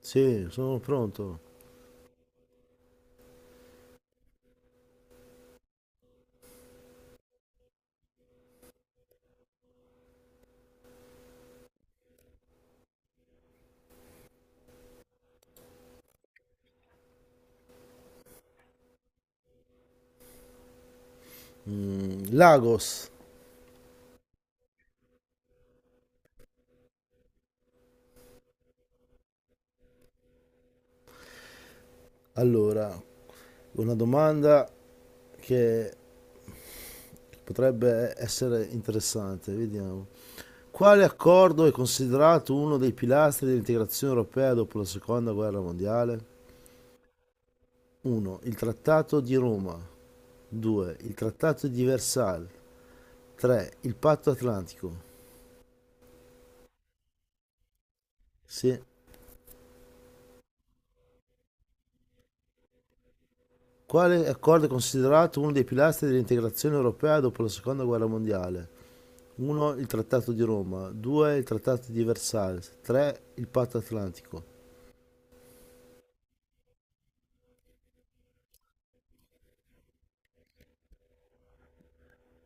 Sì, sono pronto. Lagos. Allora, una domanda che potrebbe essere interessante, vediamo. Quale accordo è considerato uno dei pilastri dell'integrazione europea dopo la Seconda Guerra Mondiale? 1. Il Trattato di Roma. 2. Il Trattato di Versailles. 3. Il Patto Atlantico. Sì. Quale accordo è considerato uno dei pilastri dell'integrazione europea dopo la Seconda Guerra Mondiale? 1. Il Trattato di Roma. 2. Il Trattato di Versailles. 3. Il Patto Atlantico.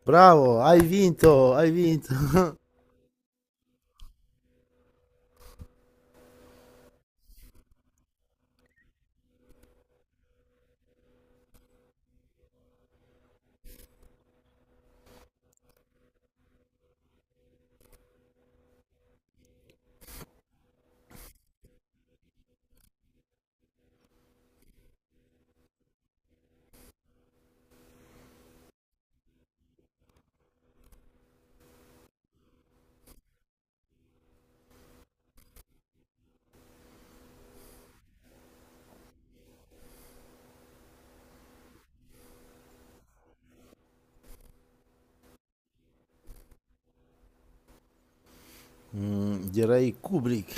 Bravo, hai vinto, hai vinto. Direi Kubrick.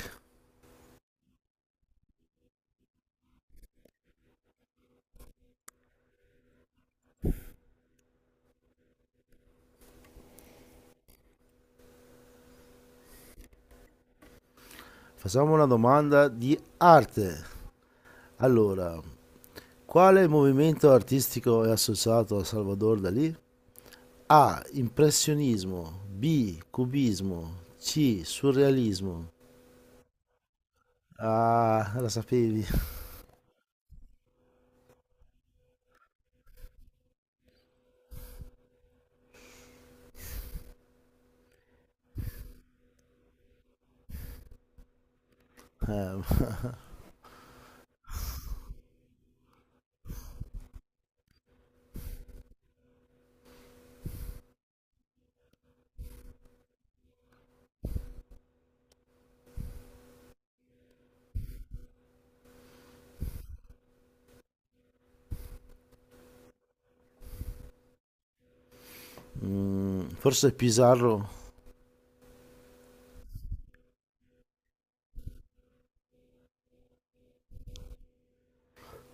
Facciamo una domanda di arte. Allora, quale movimento artistico è associato a Salvador Dalì? A. Impressionismo. B. Cubismo. C. Surrealismo. Ah, la sapevi. Eh, Forse Pizarro.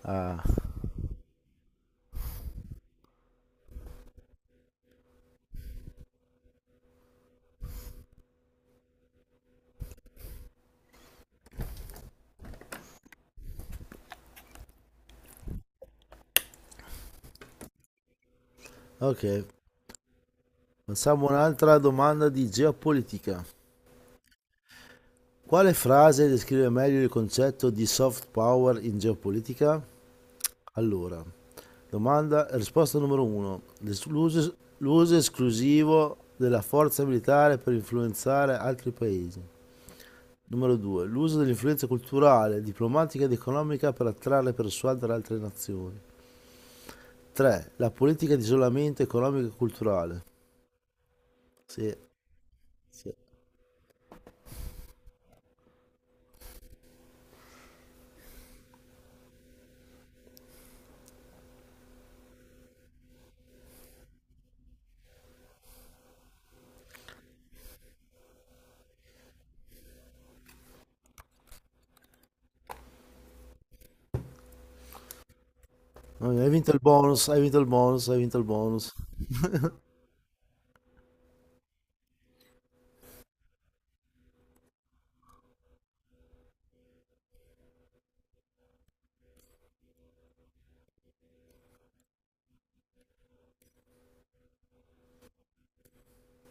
Ah, ok. Facciamo un'altra domanda di geopolitica. Quale frase descrive meglio il concetto di soft power in geopolitica? Allora, domanda, risposta numero 1. L'uso esclusivo della forza militare per influenzare altri paesi. Numero 2. L'uso dell'influenza culturale, diplomatica ed economica per attrarre e persuadere altre nazioni. 3. La politica di isolamento economico e culturale. Sì, sì. No, hai vinto il bonus, hai vinto il bonus, hai vinto il bonus.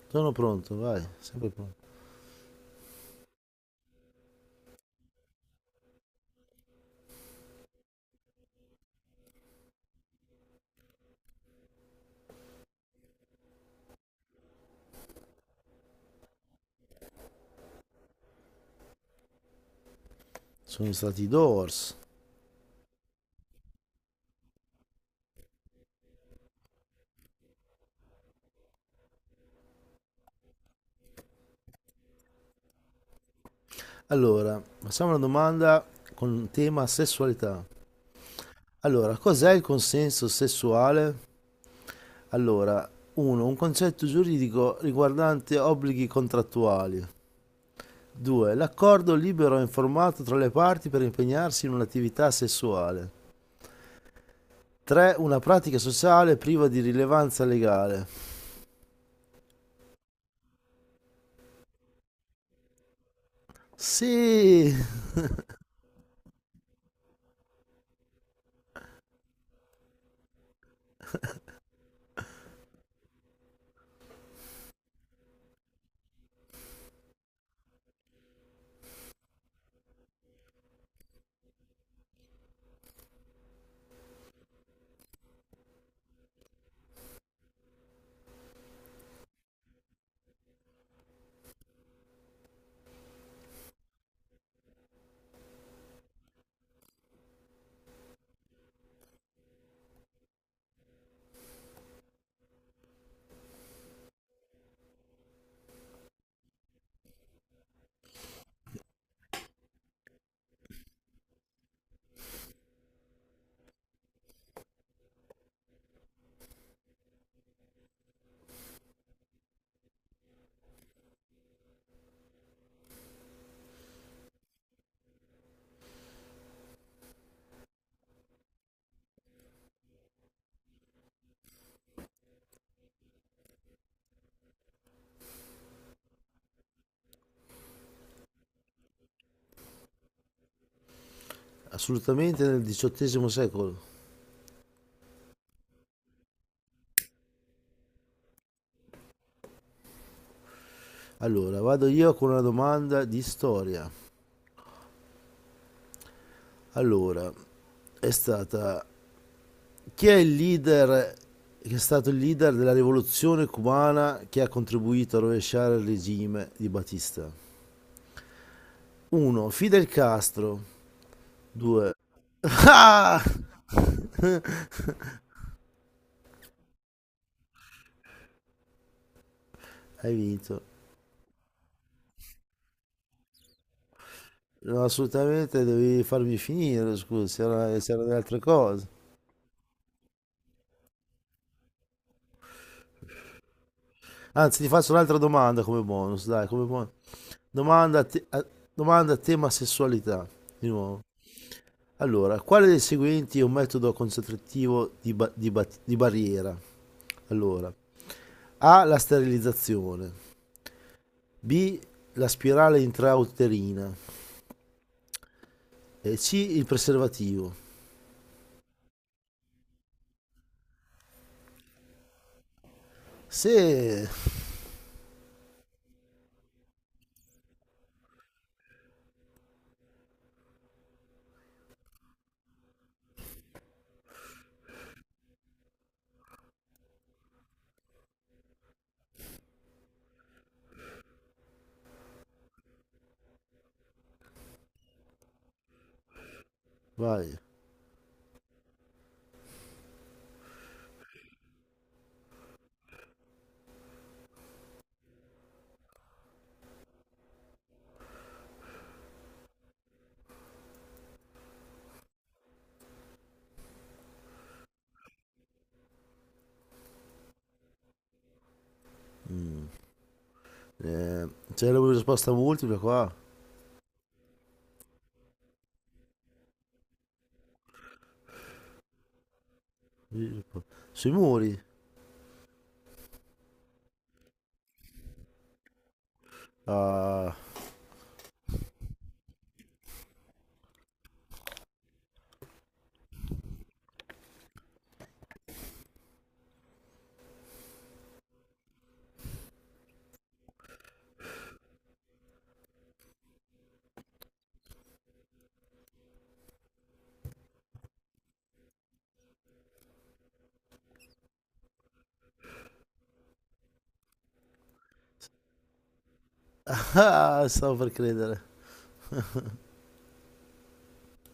Sono pronto, vai, sempre pronto. Sono stati i Doors. Allora, facciamo una domanda con tema sessualità. Allora, cos'è il consenso sessuale? Allora, 1. Un concetto giuridico riguardante obblighi contrattuali. 2. L'accordo libero e informato tra le parti per impegnarsi in un'attività sessuale. 3. Una pratica sociale priva di rilevanza legale. Sì, assolutamente nel XVIII secolo. Allora, vado io con una domanda di storia. Allora, è stata chi è il leader che è stato il leader della rivoluzione cubana che ha contribuito a rovesciare il regime di Batista? 1. Fidel Castro. 2. Ah! Hai vinto. No, assolutamente devi farmi finire, scusa, c'erano le altre cose. Anzi, ti faccio un'altra domanda come bonus, dai, come bonus. Domanda, domanda a tema sessualità, di nuovo. Allora, quale dei seguenti è un metodo concentrativo di barriera? Allora, A. La sterilizzazione. B. La spirale intrauterina. E C. Il preservativo. Se... Vai. Mm. C'è la risposta multipla qua. Sui muri. Ah, stavo per credere.